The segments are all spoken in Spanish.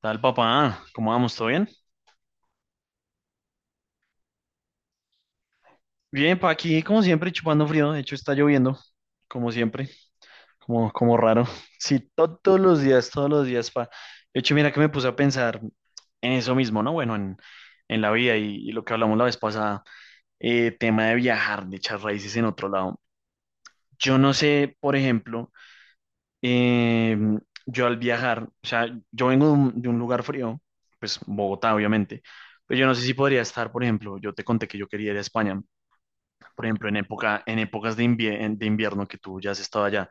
Tal papá, ¿cómo vamos? ¿Todo bien? Bien, pa aquí como siempre chupando frío, de hecho está lloviendo, como siempre, como raro. Sí, todos los días, pa. De hecho, mira que me puse a pensar en eso mismo, ¿no? Bueno, en la vida y lo que hablamos la vez pasada, tema de viajar, de echar raíces en otro lado. Yo no sé, por ejemplo, eh, yo al viajar, o sea, yo vengo de de un lugar frío, pues Bogotá, obviamente, pero yo no sé si podría estar, por ejemplo, yo te conté que yo quería ir a España. Por ejemplo, en épocas de, de invierno que tú ya has estado allá,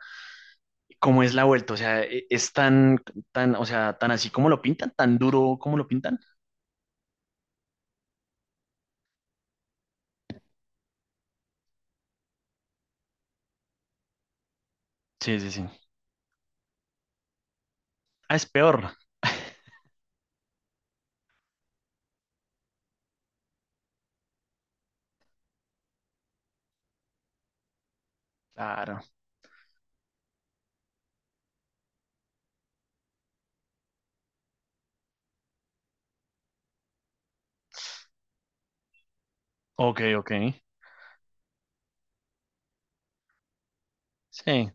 ¿cómo es la vuelta? O sea, es tan, tan, o sea, tan así como lo pintan, tan duro como lo pintan. Sí, sí, sí. Ah, es peor. Claro. Ok, ok. Sí,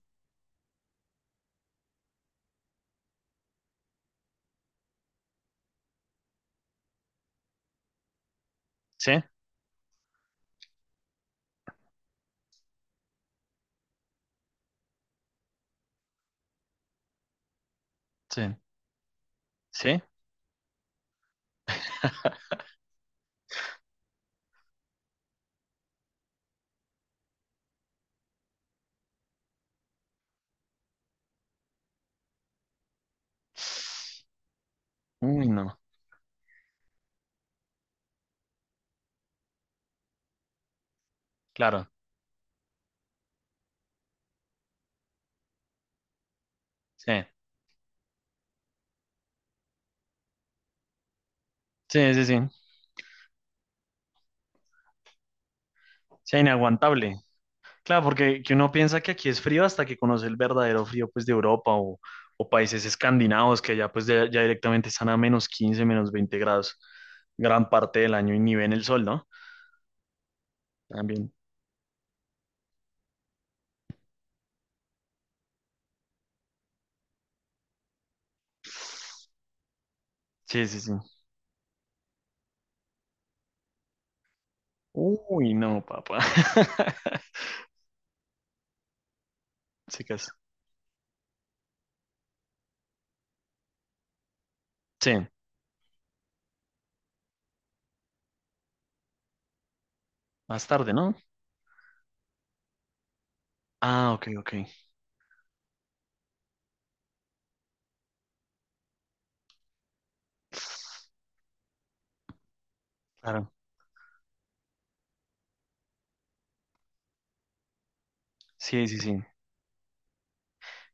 sí, sí, sí. Uy, no. Claro. Sí, sí, sí, sí. Sí, inaguantable. Claro, porque que uno piensa que aquí es frío hasta que conoce el verdadero frío pues de Europa o países escandinavos que allá pues ya directamente están a -15, -20 grados gran parte del año y ni ven el sol, ¿no? También. Sí, sí, sí. Uy, no, papá. Chicas. Sí, más tarde, ¿no? Ah, ok, ok. Claro. Sí, sí, sí.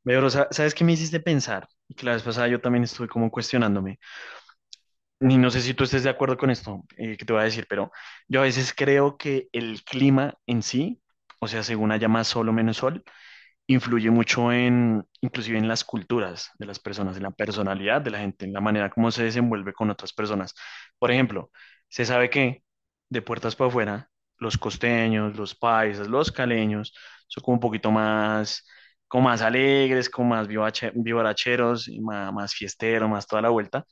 Veo, pero ¿sabes qué me hiciste pensar? Y que la vez pasada yo también estuve como cuestionándome. Y no sé si tú estés de acuerdo con esto, que te voy a decir, pero yo a veces creo que el clima en sí, o sea, según haya más sol o menos sol, influye mucho en, inclusive en las culturas de las personas, en la personalidad de la gente, en la manera como se desenvuelve con otras personas. Por ejemplo, se sabe que de puertas para afuera, los costeños, los paisas, los caleños son como un poquito más, como más alegres, como más vivaracheros, y más, más fiesteros, más toda la vuelta.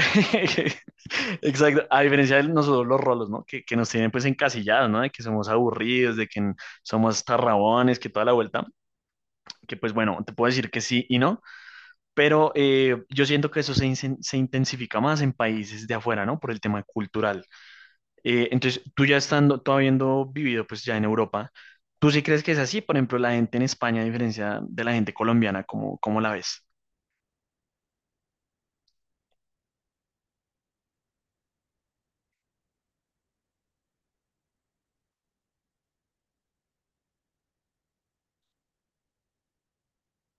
Exacto, a diferencia de nosotros los rolos, ¿no? Que nos tienen pues encasillados, ¿no? De que somos aburridos, de que somos tarrabones, que toda la vuelta, que pues bueno, te puedo decir que sí y no, pero yo siento que eso se, se intensifica más en países de afuera, ¿no? Por el tema cultural. Entonces, tú ya estando, tú habiendo vivido pues ya en Europa, ¿tú sí crees que es así? Por ejemplo, la gente en España, a diferencia de la gente colombiana, ¿cómo, cómo la ves?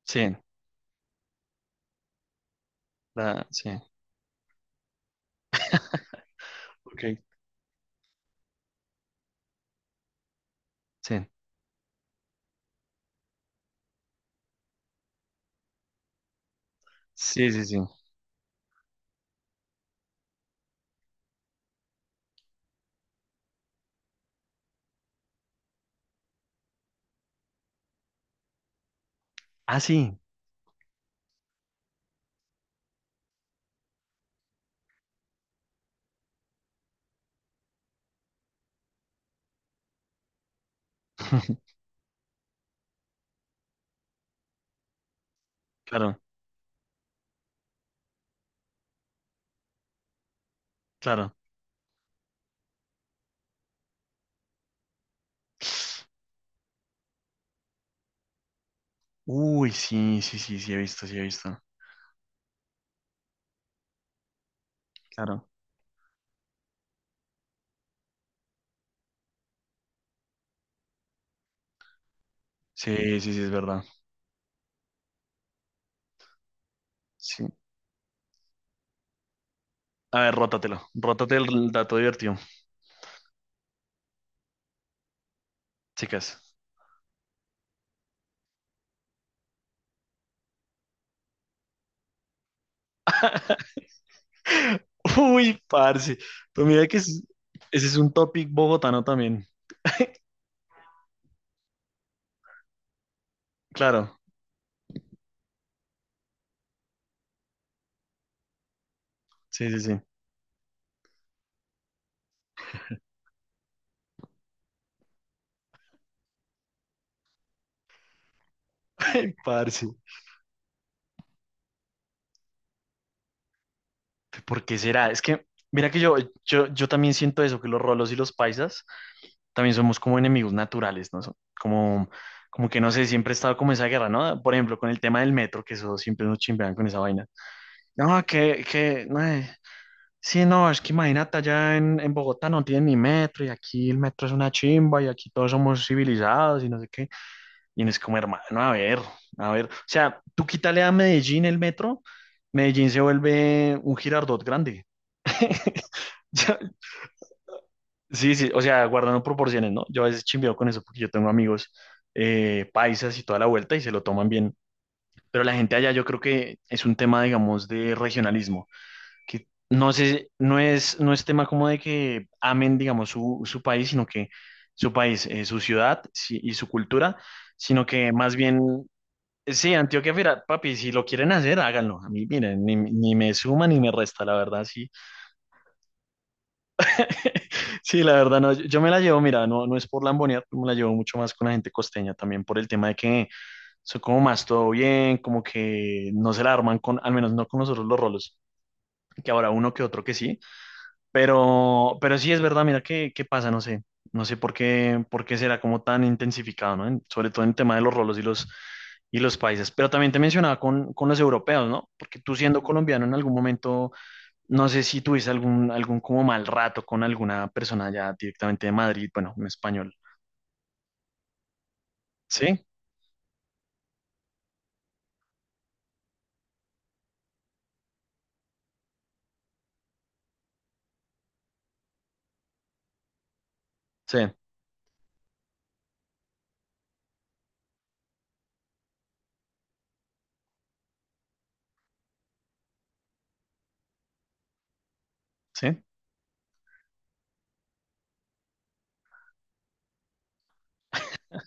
Sí, la, sí. Ok. Sí, sí, sí, sí. Ah, sí. Claro, claro. Uy, sí, sí, sí, sí, he visto, sí, he visto. Claro. Sí, sí, sí, es verdad. Sí. A ver, rótatelo. Rótate el dato divertido, chicas. Uy, parce. Pues mira que ese es un topic bogotano también. Claro. Sí, sí, sí. Parce. ¿Por qué será? Es que, mira que yo, yo también siento eso, que los rolos y los paisas también somos como enemigos naturales, ¿no? Como, como que no sé, siempre he estado como esa guerra, ¿no? Por ejemplo, con el tema del metro, que eso siempre nos chimbean con esa vaina. No, no, sí, no, es que imagínate, allá en Bogotá no tienen ni metro y aquí el metro es una chimba y aquí todos somos civilizados y no sé qué. Y no es como, hermano, a ver, a ver. O sea, tú quítale a Medellín el metro, Medellín se vuelve un Girardot grande. Yo, sí, sí, o sea, guardando proporciones, ¿no? Yo a veces chimbeo con eso porque yo tengo amigos, paisas y toda la vuelta y se lo toman bien. Pero la gente allá yo creo que es un tema, digamos, de regionalismo, que no sé, no es, no es tema como de que amen, digamos, su país, sino que su país, su ciudad sí, y su cultura, sino que más bien, sí, Antioquia, mira, papi, si lo quieren hacer, háganlo. A mí, miren, ni, ni me suma ni me resta, la verdad, sí. Sí, la verdad, no, yo me la llevo, mira, no, no es por lambonear, me la llevo mucho más con la gente costeña, también por el tema de que son como más todo bien, como que no se la arman con, al menos no con nosotros los rolos, que ahora uno que otro que sí, pero sí es verdad, mira, qué, qué pasa, no sé, no sé por qué será como tan intensificado, ¿no? Sobre todo en el tema de los rolos y los países, pero también te mencionaba con los europeos, ¿no? Porque tú siendo colombiano en algún momento no sé si tuviste algún, algún como mal rato con alguna persona ya directamente de Madrid, bueno, un español. Sí, sí, sí.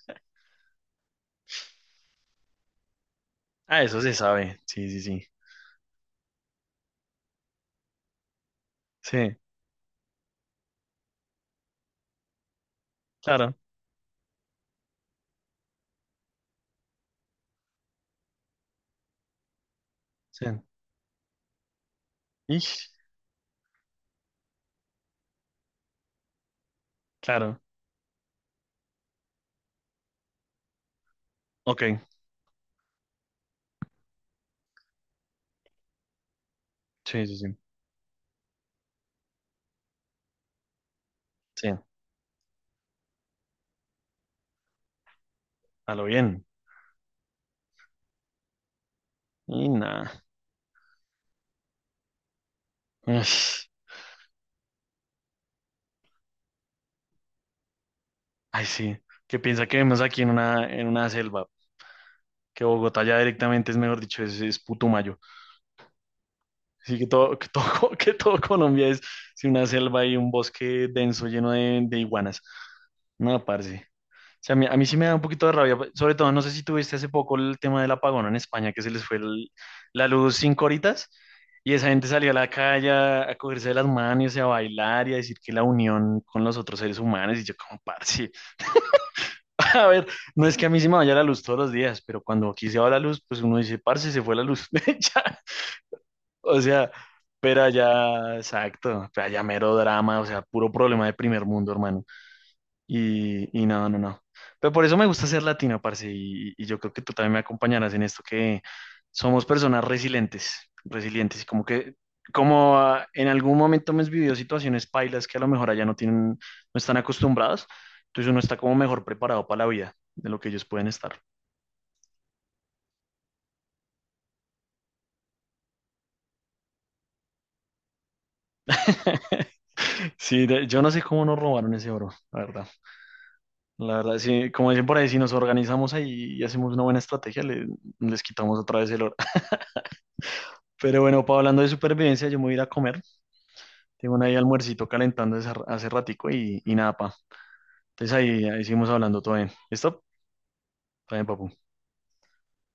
Ah, eso se sabe. Sí, sí, sí. Sí, claro. Sí. Ish, claro. Ok. Sí, sí, sí. Sí. A lo bien. Y nada. Ush. Ay, sí. ¿Qué piensa que vemos aquí en una selva? Que Bogotá ya directamente es, mejor dicho, es Putumayo. Así que todo, que todo Colombia es, sí, una selva y un bosque denso lleno de iguanas. No, parce. O sea, a mí sí me da un poquito de rabia, sobre todo, no sé si tuviste hace poco el tema del apagón en España, que se les fue la luz 5 horitas y esa gente salió a la calle a cogerse de las manos y a bailar y a decir que la unión con los otros seres humanos y yo como, parce, a ver, no es que a mí sí me vaya la luz todos los días, pero cuando aquí se va la luz, pues uno dice, parce, se fue la luz, ya, o sea, pero allá, exacto, allá mero drama, o sea, puro problema de primer mundo, hermano. No, no, no. Pero por eso me gusta ser latino, parce, y yo creo que tú también me acompañarás en esto, que somos personas resilientes, resilientes, y como que, como ah, en algún momento hemos vivido situaciones pailas que a lo mejor allá no tienen, no están acostumbrados, entonces uno está como mejor preparado para la vida de lo que ellos pueden estar. Sí, yo no sé cómo nos robaron ese oro, la verdad. La verdad, sí, como dicen por ahí, si nos organizamos ahí y hacemos una buena estrategia, les quitamos otra vez el oro. Pero bueno, pa, hablando de supervivencia, yo me voy a ir a comer. Tengo una ahí almuercito calentando hace ratico y nada, pa. Entonces ahí, ahí seguimos hablando todo bien. ¿Listo? Está bien, papu.